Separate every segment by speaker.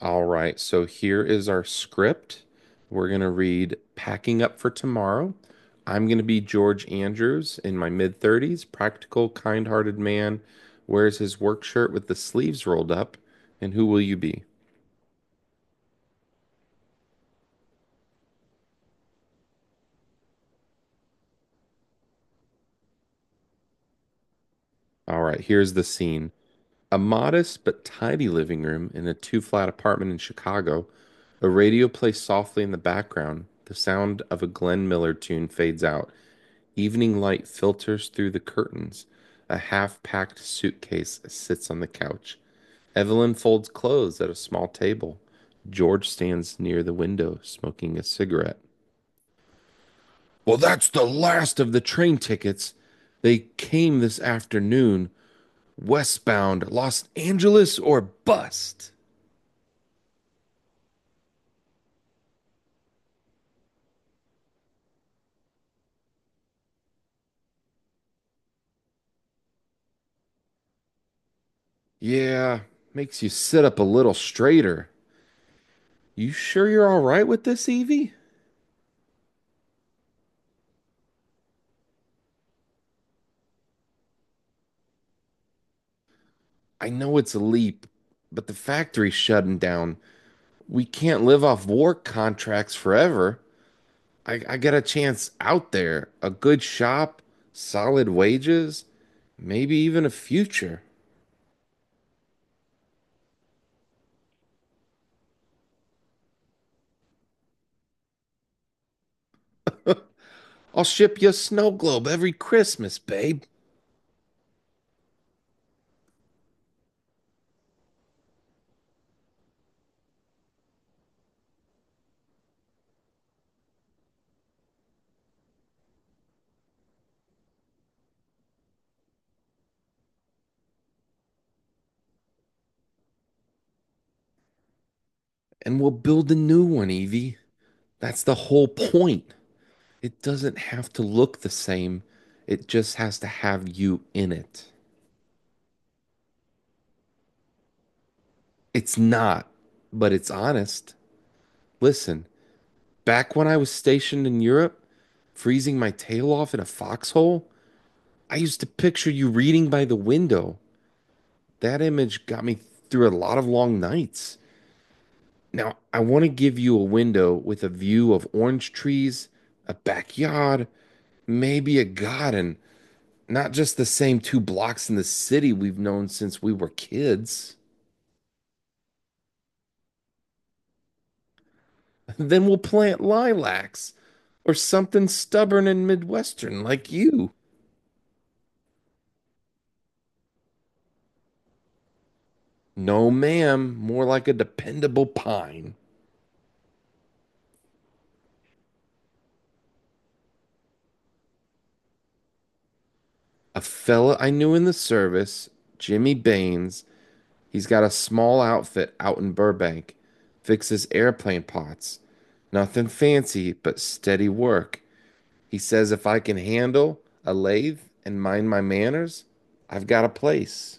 Speaker 1: All right, so here is our script. We're going to read Packing Up for Tomorrow. I'm going to be George Andrews in my mid 30s, practical, kind hearted man, wears his work shirt with the sleeves rolled up. And who will you be? All right, here's the scene a modest but tidy living room in a two flat apartment in Chicago. A radio plays softly in the background. The sound of a Glenn Miller tune fades out. Evening light filters through the curtains. A half-packed suitcase sits on the couch. Evelyn folds clothes at a small table. George stands near the window smoking a cigarette. Well, that's the last of the train tickets. They came this afternoon, westbound, Los Angeles or bust. Yeah, makes you sit up a little straighter. You sure you're all right with this, Evie? I know it's a leap, but the factory's shutting down. We can't live off war contracts forever. I get a chance out there, a good shop, solid wages, maybe even a future. I'll ship you a snow globe every Christmas, babe, and we'll build a new one, Evie. That's the whole point. It doesn't have to look the same, it just has to have you in it. It's not, but it's honest. Listen, back when I was stationed in Europe, freezing my tail off in a foxhole, I used to picture you reading by the window. That image got me through a lot of long nights. Now, I want to give you a window with a view of orange trees, a backyard, maybe a garden, not just the same two blocks in the city we've known since we were kids. Then we'll plant lilacs or something stubborn and Midwestern like you. No, ma'am, more like a dependable pine. A fella I knew in the service, Jimmy Baines, he's got a small outfit out in Burbank, fixes airplane pots. Nothing fancy, but steady work. He says if I can handle a lathe and mind my manners, I've got a place.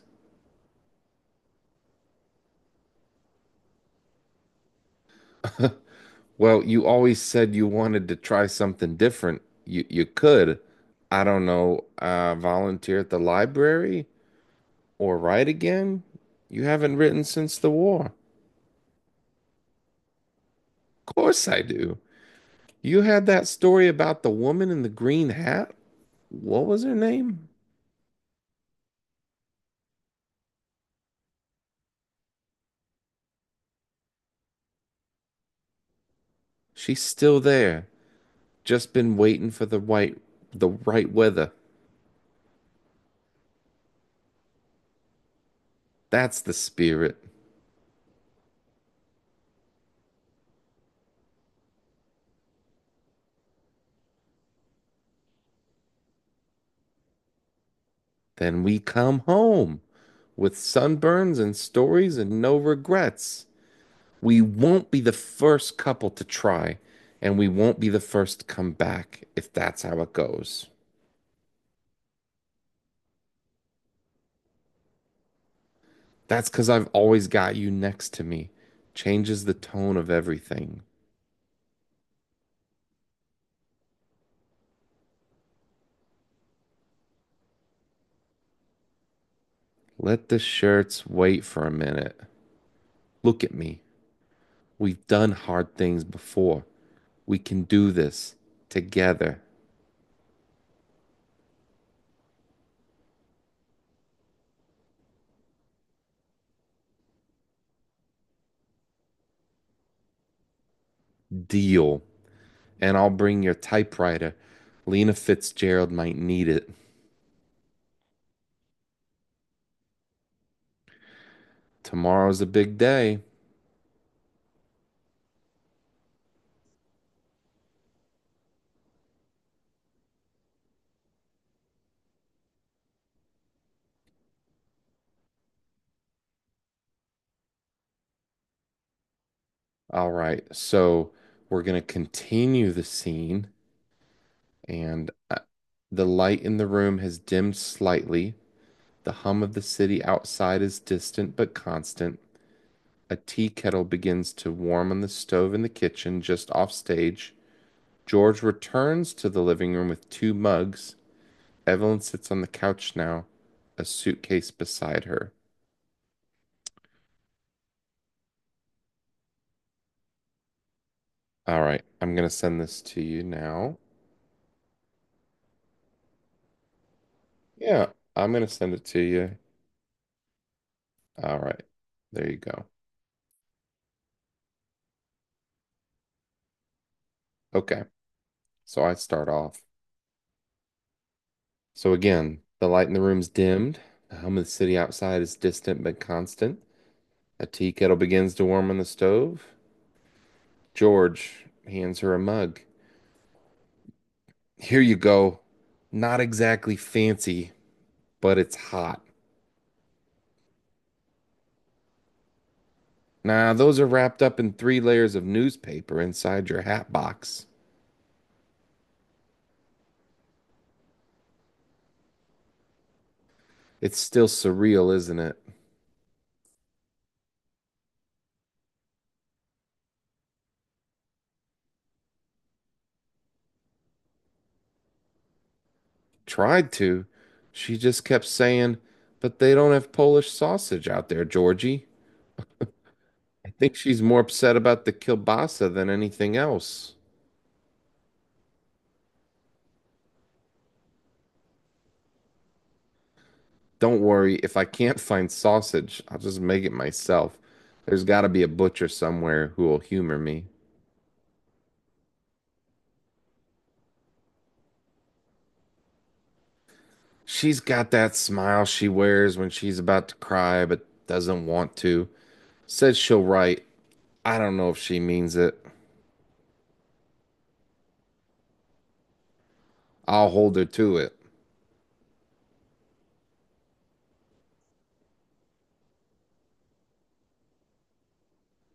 Speaker 1: Well, you always said you wanted to try something different. You could, I don't know, volunteer at the library or write again. You haven't written since the war. Of course I do. You had that story about the woman in the green hat? What was her name? She's still there. Just been waiting for the right weather. That's the spirit. Then we come home with sunburns and stories and no regrets. We won't be the first couple to try, and we won't be the first to come back if that's how it goes. That's because I've always got you next to me. Changes the tone of everything. Let the shirts wait for a minute. Look at me. We've done hard things before. We can do this together. Deal. And I'll bring your typewriter. Lena Fitzgerald might need it. Tomorrow's a big day. All right. So we're going to continue the scene. And The light in the room has dimmed slightly. The hum of the city outside is distant but constant. A tea kettle begins to warm on the stove in the kitchen just off stage. George returns to the living room with two mugs. Evelyn sits on the couch now, a suitcase beside her. All right, I'm gonna send this to you now. Yeah, I'm gonna send it to you. All right, there you go. Okay, so I start off. So again, the light in the room's dimmed. The hum of the city outside is distant but constant. A tea kettle begins to warm on the stove. George hands her a mug. Here you go. Not exactly fancy, but it's hot. Nah, those are wrapped up in three layers of newspaper inside your hat box. It's still surreal, isn't it? Tried to. She just kept saying, but they don't have Polish sausage out there, Georgie. I think she's more upset about the kielbasa than anything else. Don't worry, if I can't find sausage, I'll just make it myself. There's got to be a butcher somewhere who will humor me. She's got that smile she wears when she's about to cry but doesn't want to. Says she'll write, I don't know if she means it. I'll hold her to it.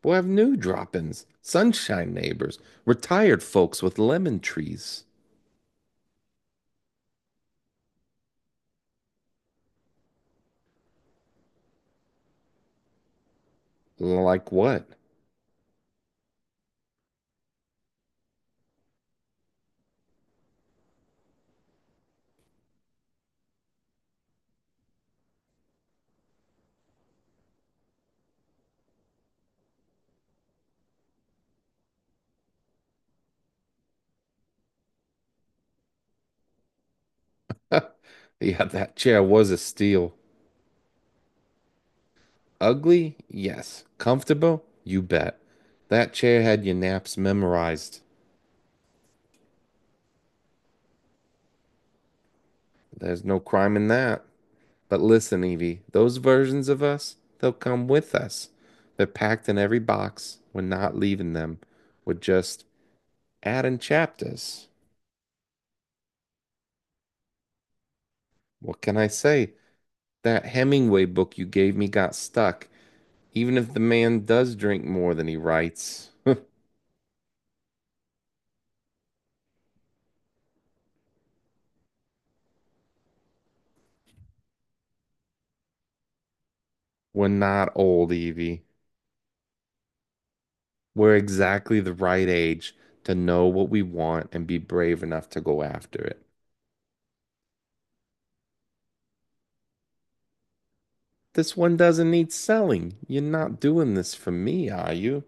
Speaker 1: We'll have new drop ins, sunshine neighbors, retired folks with lemon trees. Like what? Yeah, that chair was a steal. Ugly? Yes. Comfortable? You bet. That chair had your naps memorized. There's no crime in that. But listen, Evie, those versions of us, they'll come with us. They're packed in every box. We're not leaving them. We're just adding chapters. What can I say? That Hemingway book you gave me got stuck. Even if the man does drink more than he writes, we're not old, Evie. We're exactly the right age to know what we want and be brave enough to go after it. This one doesn't need selling. You're not doing this for me, are you?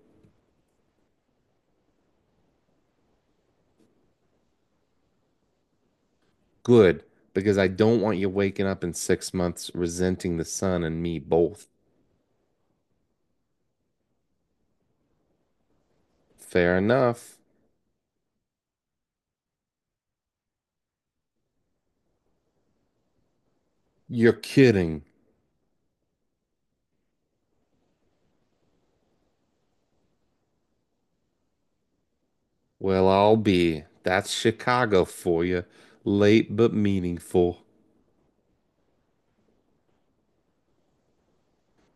Speaker 1: Good, because I don't want you waking up in 6 months resenting the sun and me both. Fair enough. You're kidding. Well, I'll be. That's Chicago for you. Late but meaningful.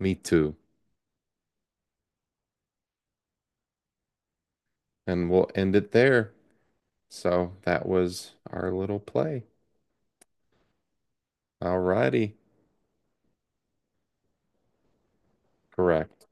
Speaker 1: Me too. And we'll end it there. So that was our little play. Alrighty. Correct.